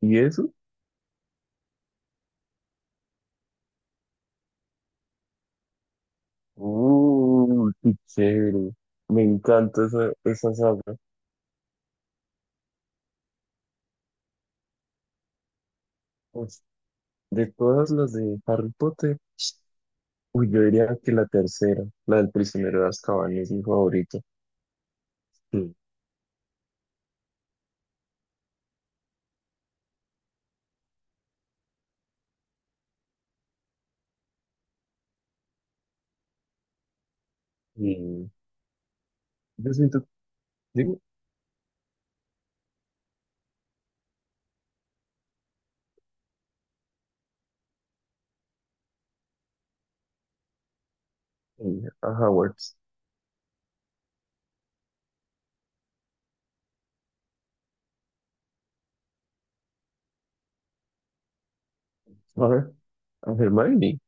¿Y eso? ¡Uh, qué chévere! Me encanta esa saga. Pues, de todas las de Harry Potter, uy, yo diría que la tercera, la del prisionero de Azkaban, es mi favorita. Sí. Y yo siento, digo, a Howard, a ver, a Hermione.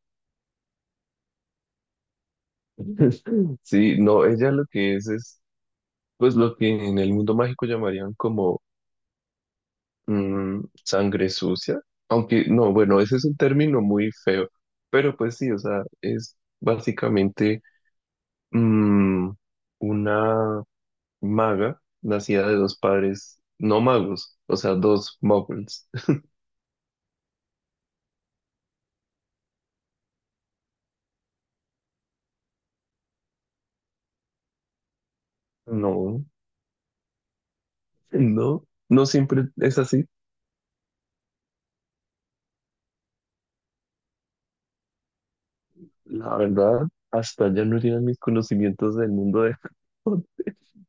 Sí, no, ella lo que es, pues lo que en el mundo mágico llamarían como sangre sucia, aunque no, bueno, ese es un término muy feo, pero pues sí, o sea, es básicamente mm, una maga nacida de dos padres no magos, o sea, dos muggles. No, no, no siempre es así, la verdad, hasta ya no llegan mis conocimientos del mundo.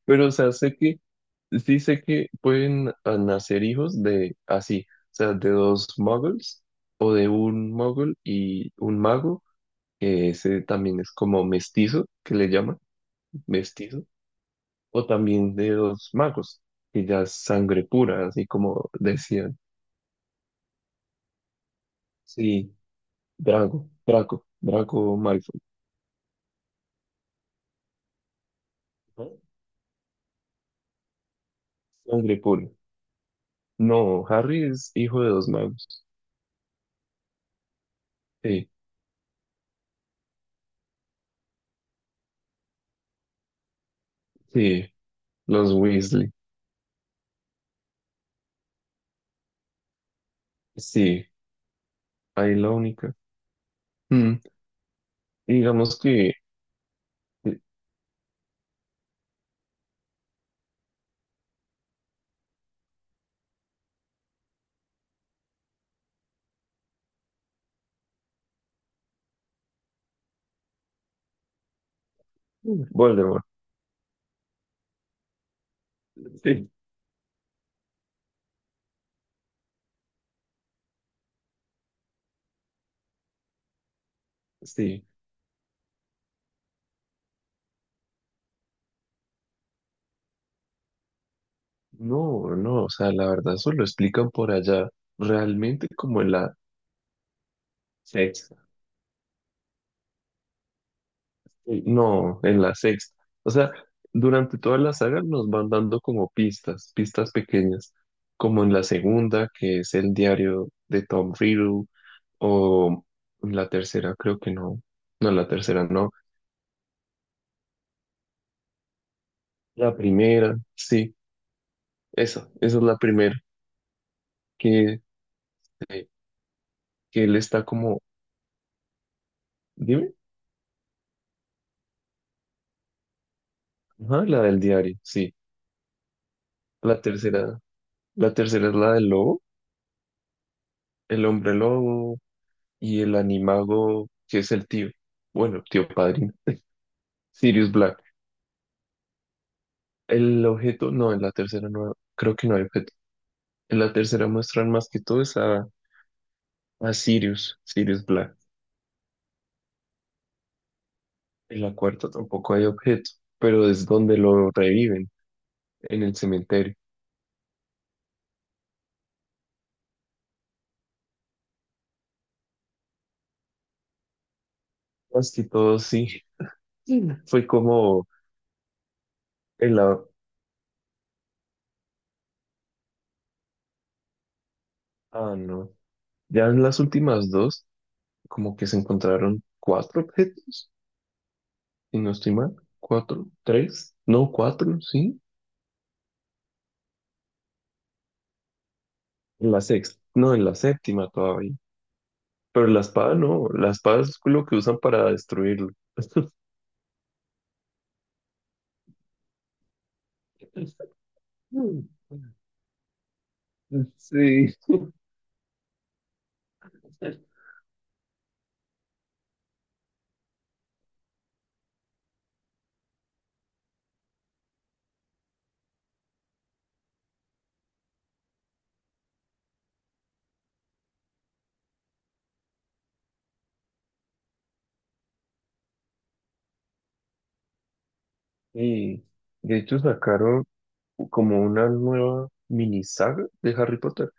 Pero, o sea, sé que, sí sé que pueden nacer hijos de así, o sea, de dos muggles o de un muggle y un mago, que ese también es como mestizo, que le llaman mestizo, o también de dos magos, que ya es sangre pura, así como decían. Sí, Draco Malfoy, ¿no? Sangre pura. No, Harry es hijo de dos magos. Sí, sí, los Weasley, sí, ahí la única. Mm. Y digamos que eh, Voldemort. Sí, sí. No, no, o sea, la verdad, eso lo explican por allá, realmente como en la sexta. Sí. No, en la sexta. O sea, durante toda la saga nos van dando como pistas, pistas pequeñas, como en la segunda, que es el diario de Tom Riddle, o en la tercera, creo que no. No, en la tercera no. La primera, sí, esa es la primera, que, eh, que él está como, dime. Ajá, la del diario, sí. La tercera, la tercera, es la del lobo, el hombre lobo y el animago, que es el tío. Bueno, tío padrino. Sirius Black. El objeto, no, en la tercera no, creo que no hay objeto. En la tercera muestran más que todo es a Sirius Black. En la cuarta tampoco hay objeto, pero es donde lo reviven, en el cementerio. Más que todo, sí. Fue como en la. Ah, no. Ya en las últimas dos. Como que se encontraron cuatro objetos, y no estoy mal, cuatro, tres, no, cuatro, sí, en la sexta, no, en la séptima todavía, pero la espada no, la espada es lo que usan para destruirlo. Sí. Y de hecho sacaron como una nueva mini saga de Harry Potter,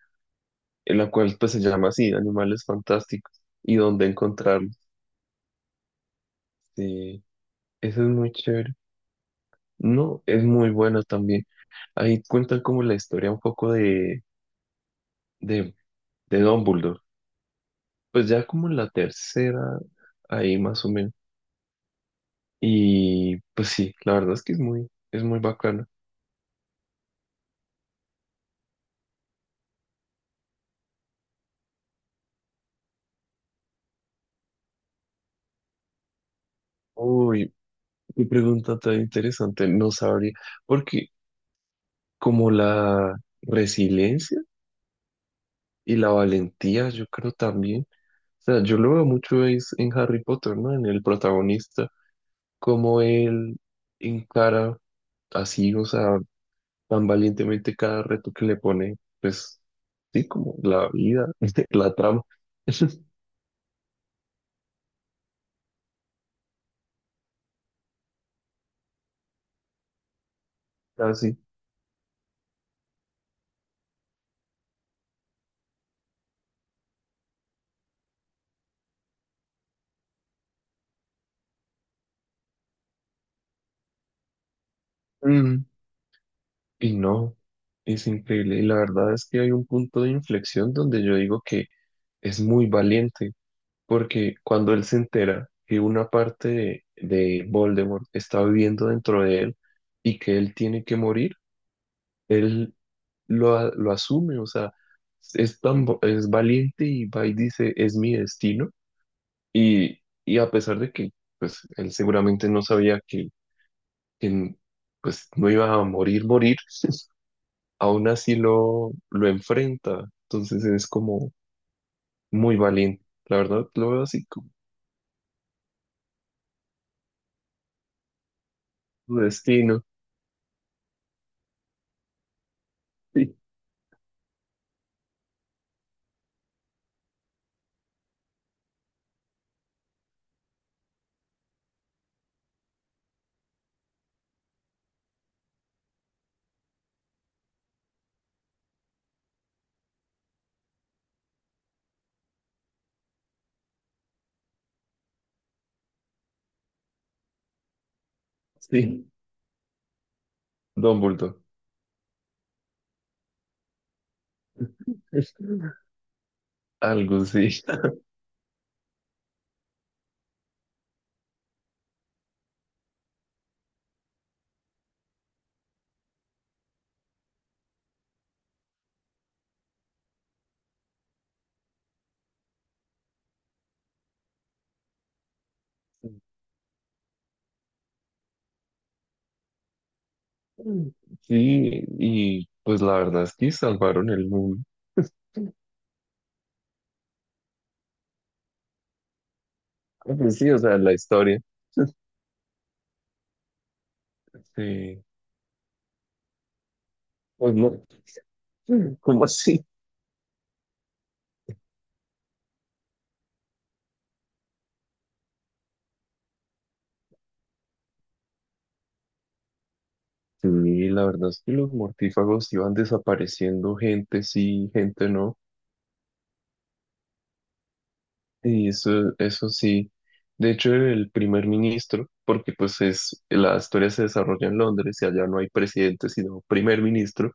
en la cual pues se llama así, Animales Fantásticos, y donde encontrarlos. Sí, eso es muy chévere. No, es muy bueno también. Ahí cuentan como la historia un poco de, de Dumbledore. Pues ya como en la tercera, ahí más o menos. Y pues sí, la verdad es que es muy, bacana. Uy, qué pregunta tan interesante. No sabría, porque como la resiliencia y la valentía, yo creo también. O sea, yo lo veo mucho es en Harry Potter, ¿no? En el protagonista, como él encara así, o sea, tan valientemente cada reto que le pone, pues sí, como la vida, la trama, casi. Mm, Y no, es increíble. Y la verdad es que hay un punto de inflexión donde yo digo que es muy valiente, porque cuando él se entera que una parte de Voldemort está viviendo dentro de él y que él tiene que morir, él lo asume, o sea, es valiente y va y dice, es mi destino. Y a pesar de que pues, él seguramente no sabía que, pues, no iba a morir, morir, aún así lo enfrenta. Entonces es como muy valiente. La verdad, lo veo así como su destino. Sí, sí. Dumbledore. Algo sí. Sí, y pues la verdad es que salvaron el mundo. Pues sí, o sea, la historia. Sí. Pues no. ¿Cómo así? Sí, la verdad es que los mortífagos iban desapareciendo, gente sí, gente no, y eso sí. De hecho, el primer ministro, porque pues es, la historia se desarrolla en Londres y allá no hay presidente, sino primer ministro.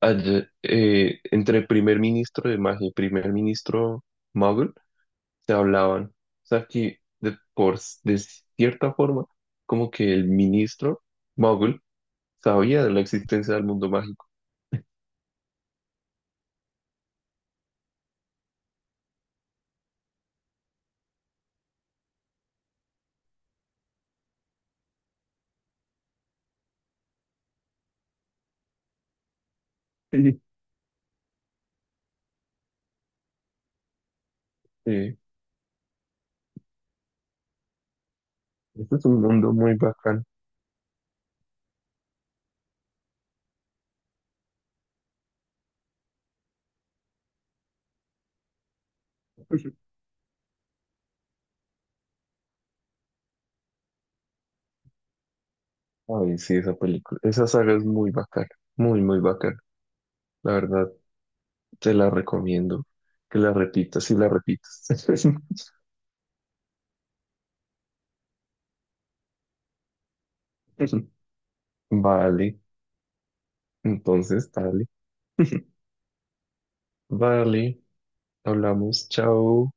Allá, entre primer ministro de magia y primer ministro muggle se hablaban. O sea que de cierta forma, como que el ministro muggle sabía de la existencia del mundo mágico. Este es un mundo muy bacán. Ay, sí, esa película, esa saga es muy bacana, muy, muy bacana. La verdad, te la recomiendo que la repitas y la repitas. Vale, entonces, dale. Vale, hablamos, chao.